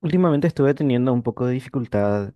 Últimamente estuve teniendo un poco de dificultad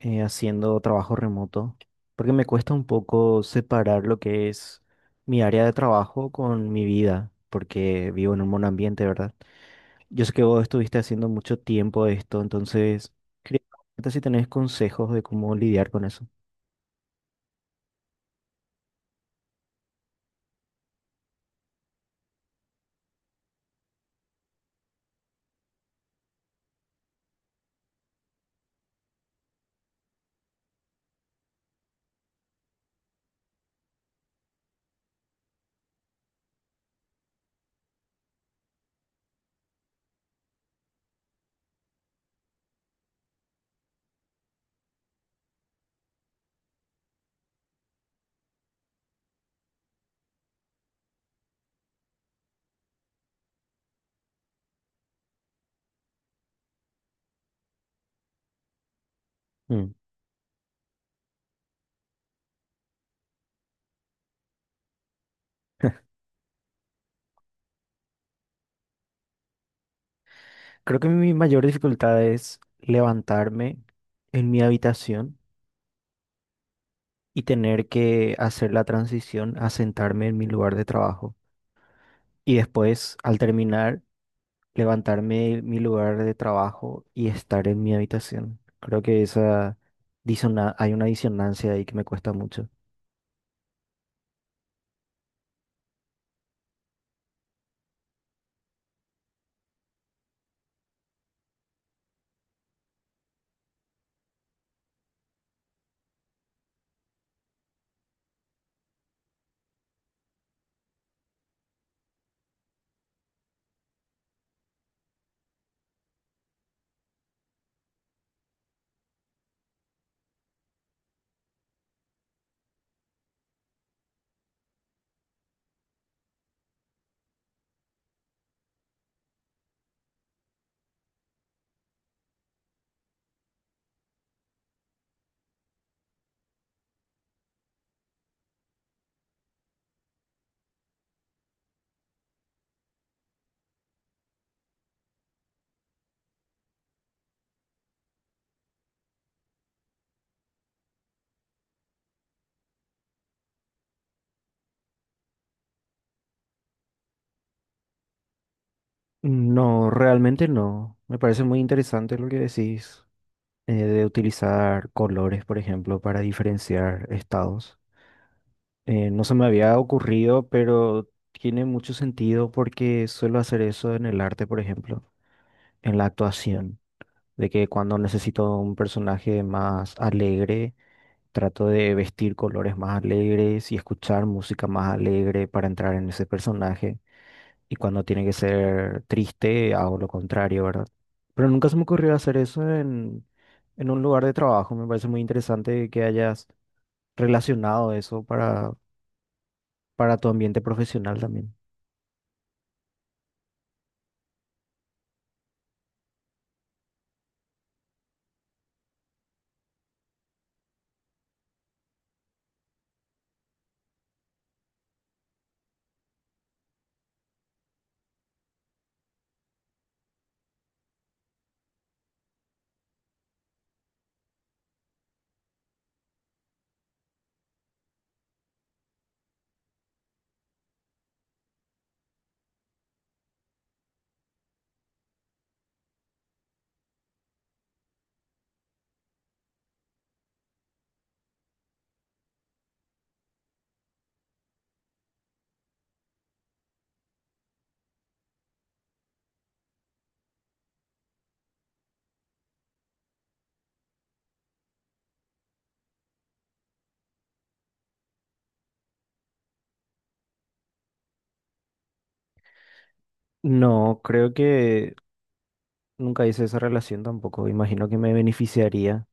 haciendo trabajo remoto, porque me cuesta un poco separar lo que es mi área de trabajo con mi vida, porque vivo en un monoambiente, ¿verdad? Yo sé que vos estuviste haciendo mucho tiempo esto, entonces quería preguntarte si tenés consejos de cómo lidiar con eso. Mm. Creo que mi mayor dificultad es levantarme en mi habitación y tener que hacer la transición a sentarme en mi lugar de trabajo. Y después, al terminar, levantarme de mi lugar de trabajo y estar en mi habitación. Creo que esa hay una disonancia ahí que me cuesta mucho. No, realmente no. Me parece muy interesante lo que decís, de utilizar colores, por ejemplo, para diferenciar estados. No se me había ocurrido, pero tiene mucho sentido porque suelo hacer eso en el arte, por ejemplo, en la actuación, de que cuando necesito un personaje más alegre, trato de vestir colores más alegres y escuchar música más alegre para entrar en ese personaje. Y cuando tiene que ser triste, hago lo contrario, ¿verdad? Pero nunca se me ocurrió hacer eso en un lugar de trabajo. Me parece muy interesante que hayas relacionado eso para tu ambiente profesional también. No, creo que nunca hice esa relación tampoco. Imagino que me beneficiaría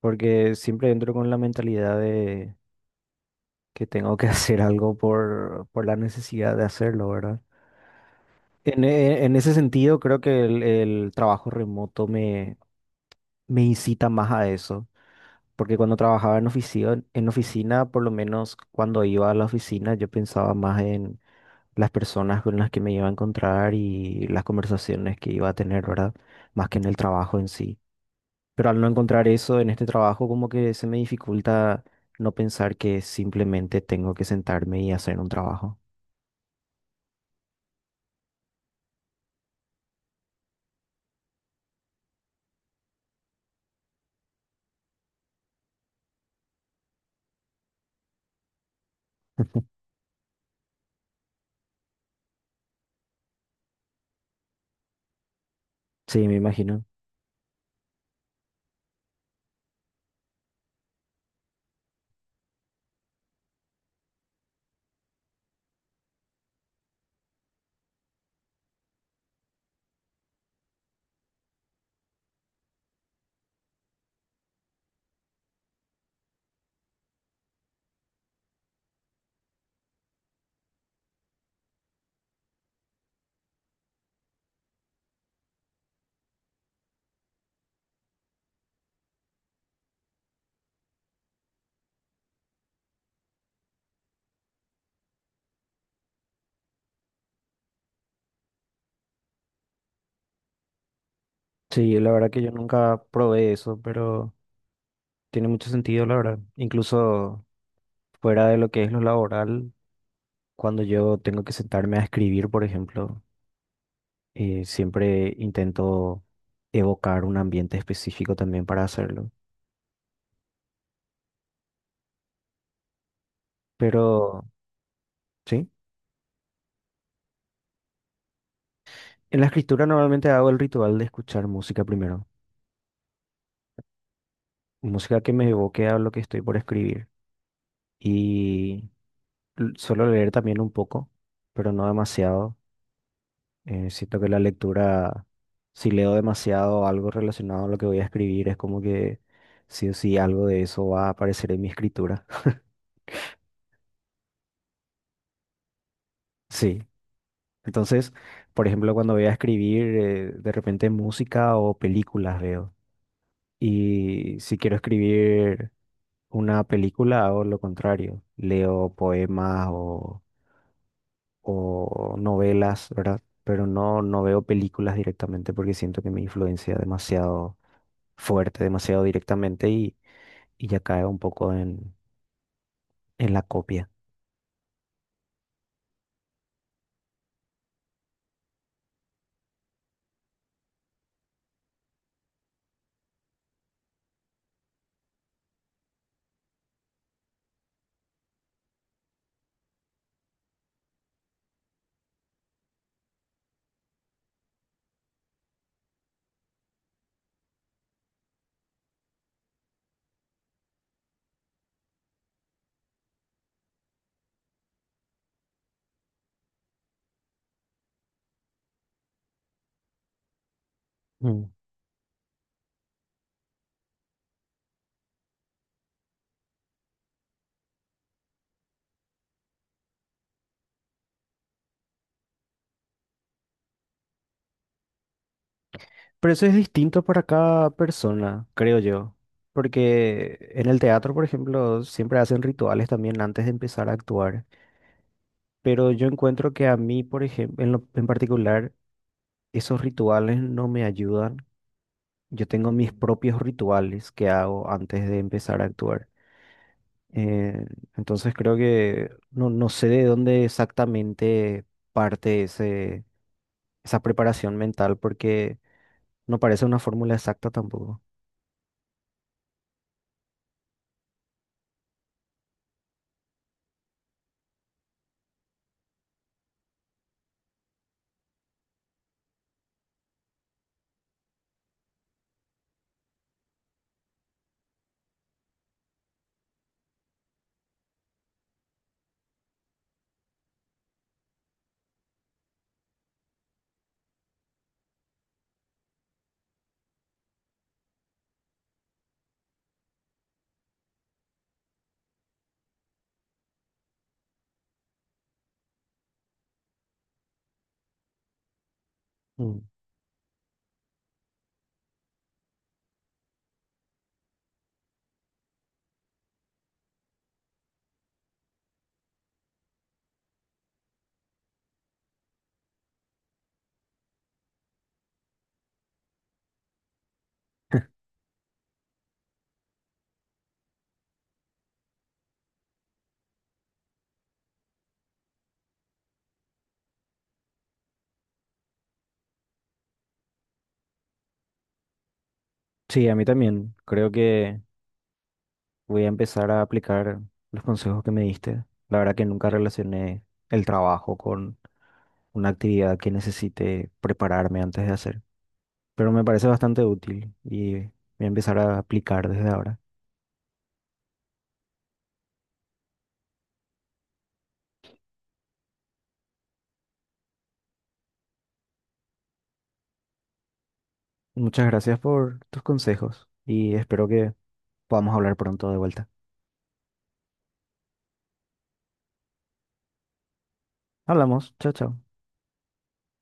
porque siempre entro con la mentalidad de que tengo que hacer algo por la necesidad de hacerlo, ¿verdad? En ese sentido, creo que el trabajo remoto me, me incita más a eso, porque cuando trabajaba en oficina, por lo menos cuando iba a la oficina, yo pensaba más en las personas con las que me iba a encontrar y las conversaciones que iba a tener, ¿verdad? Más que en el trabajo en sí. Pero al no encontrar eso en este trabajo, como que se me dificulta no pensar que simplemente tengo que sentarme y hacer un trabajo. Sí, me imagino. Sí, la verdad que yo nunca probé eso, pero tiene mucho sentido, la verdad. Incluso fuera de lo que es lo laboral, cuando yo tengo que sentarme a escribir, por ejemplo, siempre intento evocar un ambiente específico también para hacerlo. Pero, sí, en la escritura normalmente hago el ritual de escuchar música primero. Música que me evoque a lo que estoy por escribir. Y suelo leer también un poco, pero no demasiado. Siento que la lectura, si leo demasiado algo relacionado a lo que voy a escribir, es como que sí o sí algo de eso va a aparecer en mi escritura. Sí. Entonces, por ejemplo, cuando voy a escribir, de repente música o películas veo. Y si quiero escribir una película, hago lo contrario. Leo poemas o novelas, ¿verdad? Pero no, no veo películas directamente porque siento que me influencia demasiado fuerte, demasiado directamente y ya cae un poco en la copia. Mm. Pero eso es distinto para cada persona, creo yo. Porque en el teatro, por ejemplo, siempre hacen rituales también antes de empezar a actuar. Pero yo encuentro que a mí, por ejemplo, en particular, esos rituales no me ayudan. Yo tengo mis propios rituales que hago antes de empezar a actuar. Eh, entonces creo que no, no sé de dónde exactamente parte ese, esa preparación mental, porque no parece una fórmula exacta tampoco. Mm. Sí, a mí también. Creo que voy a empezar a aplicar los consejos que me diste. La verdad que nunca relacioné el trabajo con una actividad que necesite prepararme antes de hacer. Pero me parece bastante útil y voy a empezar a aplicar desde ahora. Muchas gracias por tus consejos y espero que podamos hablar pronto de vuelta. Hablamos. Chao, chao.